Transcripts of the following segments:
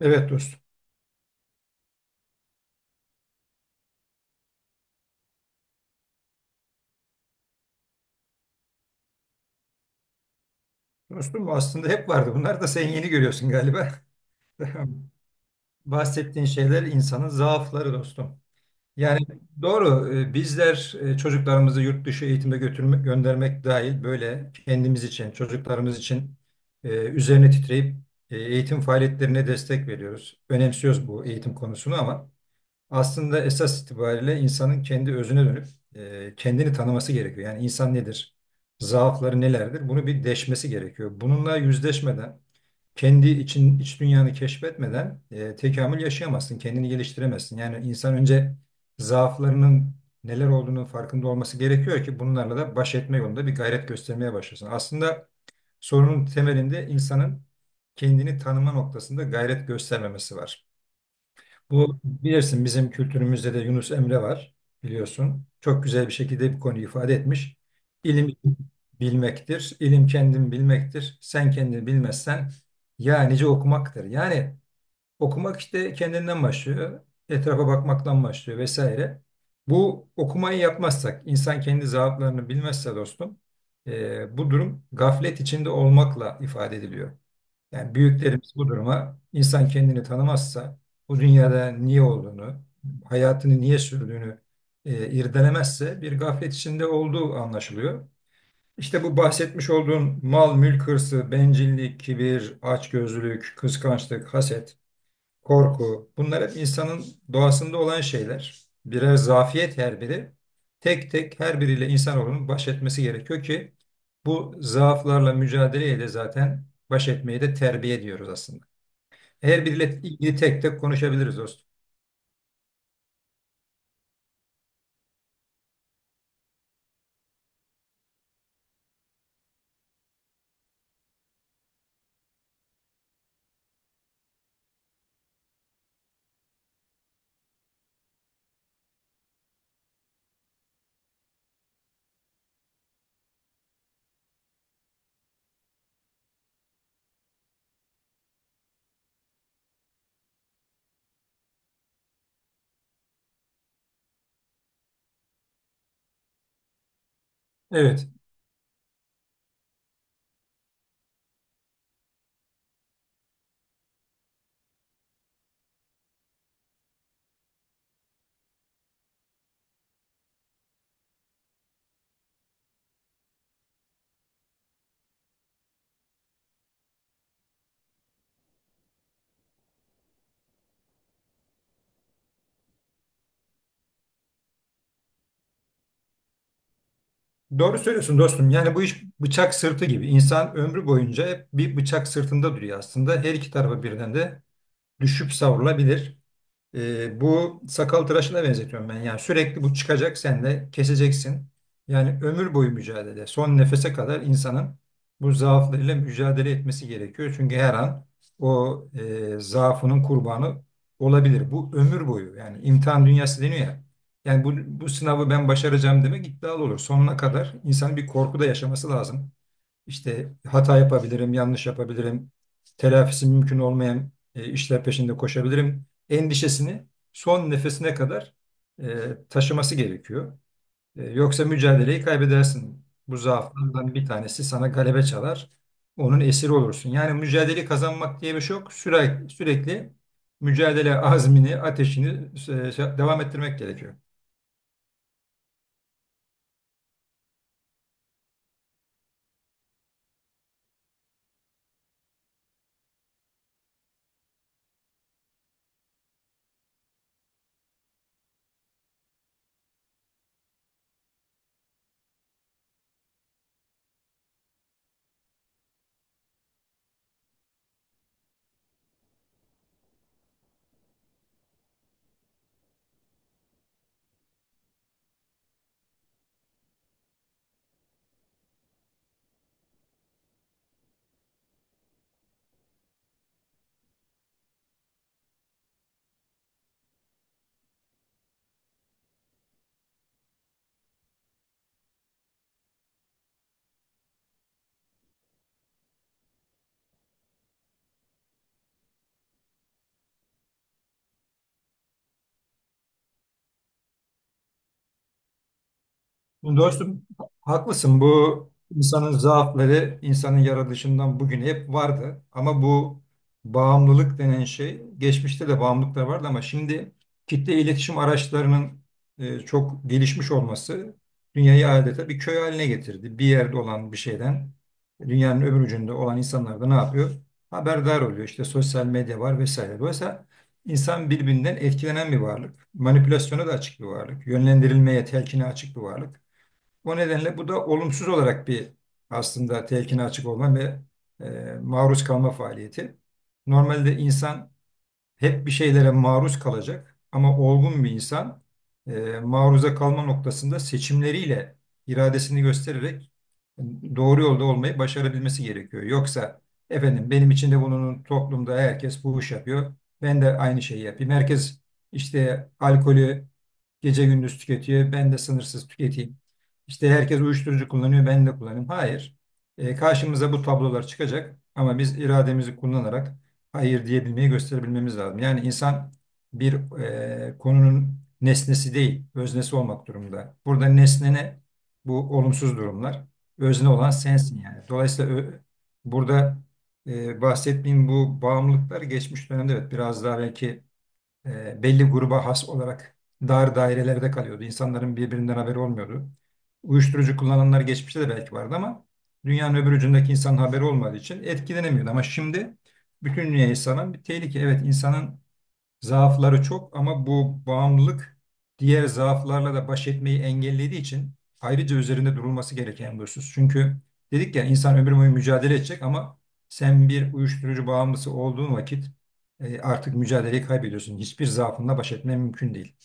Evet dostum. Dostum aslında hep vardı. Bunlar da sen yeni görüyorsun galiba. Bahsettiğin şeyler insanın zaafları dostum. Yani doğru bizler çocuklarımızı yurt dışı eğitime götürmek, göndermek dahil böyle kendimiz için, çocuklarımız için üzerine titreyip eğitim faaliyetlerine destek veriyoruz. Önemsiyoruz bu eğitim konusunu, ama esas itibariyle insanın kendi özüne dönüp kendini tanıması gerekiyor. Yani insan nedir? Zaafları nelerdir? Bunu bir deşmesi gerekiyor. Bununla yüzleşmeden, kendi için iç dünyanı keşfetmeden tekamül yaşayamazsın, kendini geliştiremezsin. Yani insan önce zaaflarının neler olduğunun farkında olması gerekiyor ki bunlarla da baş etme yolunda bir gayret göstermeye başlasın. Aslında sorunun temelinde insanın kendini tanıma noktasında gayret göstermemesi var. Bu, bilirsin, bizim kültürümüzde de Yunus Emre var biliyorsun. Çok güzel bir şekilde bir konuyu ifade etmiş. İlim bilmektir, ilim kendin bilmektir. Sen kendini bilmezsen ya nice okumaktır. Yani okumak işte kendinden başlıyor, etrafa bakmaktan başlıyor vesaire. Bu okumayı yapmazsak, insan kendi zaaflarını bilmezse dostum, bu durum gaflet içinde olmakla ifade ediliyor. Yani büyüklerimiz bu duruma insan kendini tanımazsa, bu dünyada niye olduğunu, hayatını niye sürdüğünü irdelemezse bir gaflet içinde olduğu anlaşılıyor. İşte bu bahsetmiş olduğum mal, mülk hırsı, bencillik, kibir, açgözlülük, kıskançlık, haset, korku. Bunlar hep insanın doğasında olan şeyler. Birer zafiyet her biri. Tek tek her biriyle insanoğlunun baş etmesi gerekiyor ki bu zaaflarla mücadeleyle zaten baş etmeyi de terbiye diyoruz aslında. Her biriyle ilgili tek tek konuşabiliriz dostum. Evet. Doğru söylüyorsun dostum. Yani bu iş bıçak sırtı gibi. İnsan ömrü boyunca hep bir bıçak sırtında duruyor aslında. Her iki tarafa birden de düşüp savrulabilir. Bu sakal tıraşına benzetiyorum ben. Yani sürekli bu çıkacak, sen de keseceksin. Yani ömür boyu mücadele. Son nefese kadar insanın bu zaaflarıyla mücadele etmesi gerekiyor. Çünkü her an o zaafının kurbanı olabilir. Bu ömür boyu. Yani imtihan dünyası deniyor ya. Yani bu sınavı ben başaracağım demek iddialı olur. Sonuna kadar insanın bir korku da yaşaması lazım. İşte hata yapabilirim, yanlış yapabilirim, telafisi mümkün olmayan işler peşinde koşabilirim endişesini son nefesine kadar taşıması gerekiyor. Yoksa mücadeleyi kaybedersin. Bu zaaflardan bir tanesi sana galebe çalar. Onun esiri olursun. Yani mücadele kazanmak diye bir şey yok. Sürekli mücadele azmini, ateşini devam ettirmek gerekiyor. Dostum haklısın, bu insanın zaafları insanın yaratılışından bugün hep vardı, ama bu bağımlılık denen şey, geçmişte de bağımlılıklar vardı ama şimdi kitle iletişim araçlarının çok gelişmiş olması dünyayı adeta bir köy haline getirdi. Bir yerde olan bir şeyden dünyanın öbür ucunda olan insanlar da ne yapıyor? Haberdar oluyor. İşte sosyal medya var vesaire. Dolayısıyla insan birbirinden etkilenen bir varlık, manipülasyona da açık bir varlık, yönlendirilmeye, telkine açık bir varlık. O nedenle bu da olumsuz olarak bir, aslında telkine açık olma ve maruz kalma faaliyeti. Normalde insan hep bir şeylere maruz kalacak ama olgun bir insan maruza kalma noktasında seçimleriyle iradesini göstererek e, doğru yolda olmayı başarabilmesi gerekiyor. Yoksa efendim benim için de bunun toplumda herkes bu iş yapıyor. Ben de aynı şeyi yapayım. Herkes işte alkolü gece gündüz tüketiyor. Ben de sınırsız tüketeyim. İşte herkes uyuşturucu kullanıyor. Ben de kullanayım. Hayır. Karşımıza bu tablolar çıkacak ama biz irademizi kullanarak hayır diyebilmeyi gösterebilmemiz lazım. Yani insan bir konunun nesnesi değil, öznesi olmak durumunda. Burada nesne ne? Bu olumsuz durumlar. Özne olan sensin yani. Burada bahsettiğim bu bağımlılıklar geçmiş dönemde, evet, biraz daha belki belli gruba has olarak dar dairelerde kalıyordu. İnsanların birbirinden haberi olmuyordu. Uyuşturucu kullananlar geçmişte de belki vardı ama dünyanın öbür ucundaki insanın haberi olmadığı için etkilenemiyordu. Ama şimdi bütün dünya insanın bir tehlike. Evet, insanın zaafları çok ama bu bağımlılık diğer zaaflarla da baş etmeyi engellediği için ayrıca üzerinde durulması gereken bir husus. Çünkü dedik ya insan ömür boyu mücadele edecek ama sen bir uyuşturucu bağımlısı olduğun vakit artık mücadeleyi kaybediyorsun. Hiçbir zaafınla baş etmen mümkün değil.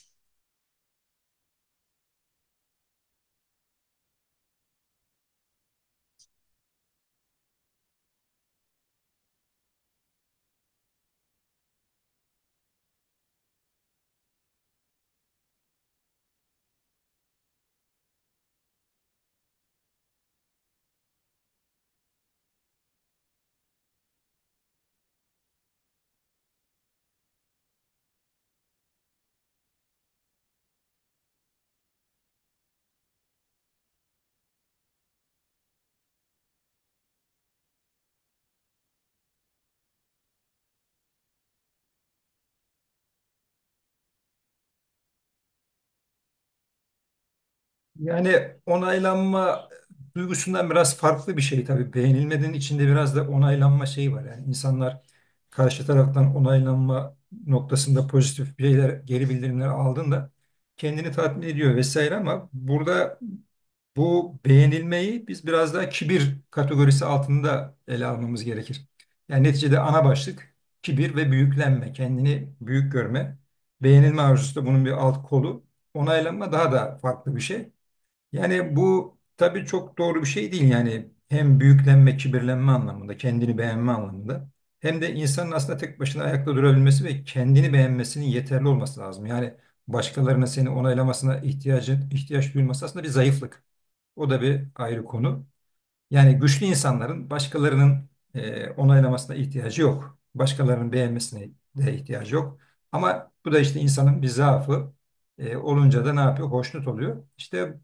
Yani onaylanma duygusundan biraz farklı bir şey tabii. Beğenilmenin içinde biraz da onaylanma şeyi var. Yani insanlar karşı taraftan onaylanma noktasında pozitif şeyler, geri bildirimler aldığında kendini tatmin ediyor vesaire, ama burada bu beğenilmeyi biz biraz daha kibir kategorisi altında ele almamız gerekir. Yani neticede ana başlık kibir ve büyüklenme, kendini büyük görme. Beğenilme arzusu da bunun bir alt kolu. Onaylanma daha da farklı bir şey. Yani bu tabii çok doğru bir şey değil, yani hem büyüklenme, kibirlenme anlamında, kendini beğenme anlamında, hem de insanın aslında tek başına ayakta durabilmesi ve kendini beğenmesinin yeterli olması lazım. Yani başkalarının seni onaylamasına ihtiyaç duyulması aslında bir zayıflık. O da bir ayrı konu. Yani güçlü insanların başkalarının onaylamasına ihtiyacı yok. Başkalarının beğenmesine de ihtiyacı yok. Ama bu da işte insanın bir zaafı. Olunca da ne yapıyor? Hoşnut oluyor. İşte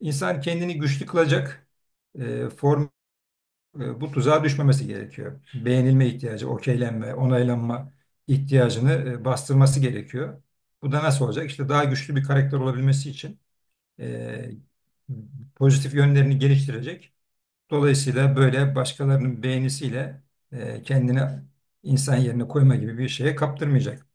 insan kendini güçlü kılacak e, form bu tuzağa düşmemesi gerekiyor. Beğenilme ihtiyacı, okeylenme, onaylanma ihtiyacını bastırması gerekiyor. Bu da nasıl olacak? İşte daha güçlü bir karakter olabilmesi için e, pozitif yönlerini geliştirecek. Dolayısıyla böyle başkalarının beğenisiyle kendini insan yerine koyma gibi bir şeye kaptırmayacak.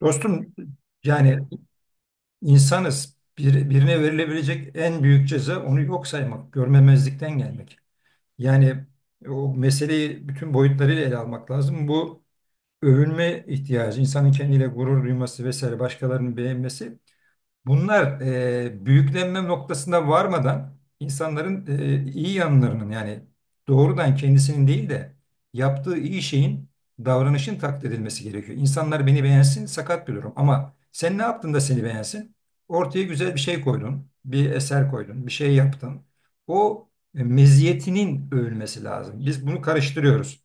Dostum, yani insanız. Birine verilebilecek en büyük ceza onu yok saymak, görmemezlikten gelmek. Yani o meseleyi bütün boyutlarıyla ele almak lazım. Bu övünme ihtiyacı, insanın kendiyle gurur duyması vesaire, başkalarının beğenmesi. Bunlar büyüklenme noktasında varmadan insanların iyi yanlarının, yani doğrudan kendisinin değil de yaptığı iyi şeyin, davranışın takdir edilmesi gerekiyor. İnsanlar beni beğensin sakat bir durum, ama sen ne yaptın da seni beğensin? Ortaya güzel bir şey koydun, bir eser koydun, bir şey yaptın. O meziyetinin övülmesi lazım. Biz bunu karıştırıyoruz.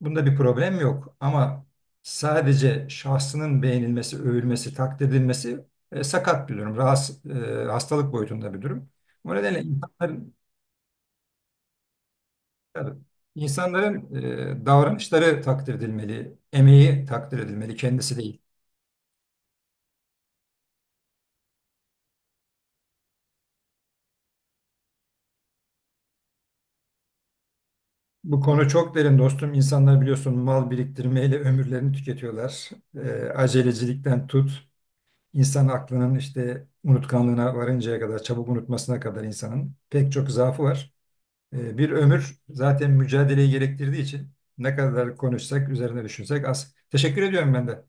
Bunda bir problem yok, ama sadece şahsının beğenilmesi, övülmesi, takdir edilmesi sakat bir durum. Rahatsız, hastalık boyutunda bir durum. O nedenle insanların, tabii, insanların davranışları takdir edilmeli, emeği takdir edilmeli, kendisi değil. Bu konu çok derin dostum. İnsanlar biliyorsun mal biriktirmeyle ömürlerini tüketiyorlar. Acelecilikten tut, insan aklının işte unutkanlığına varıncaya kadar, çabuk unutmasına kadar insanın pek çok zaafı var. Bir ömür zaten mücadeleyi gerektirdiği için ne kadar konuşsak, üzerine düşünsek az. Teşekkür ediyorum ben de.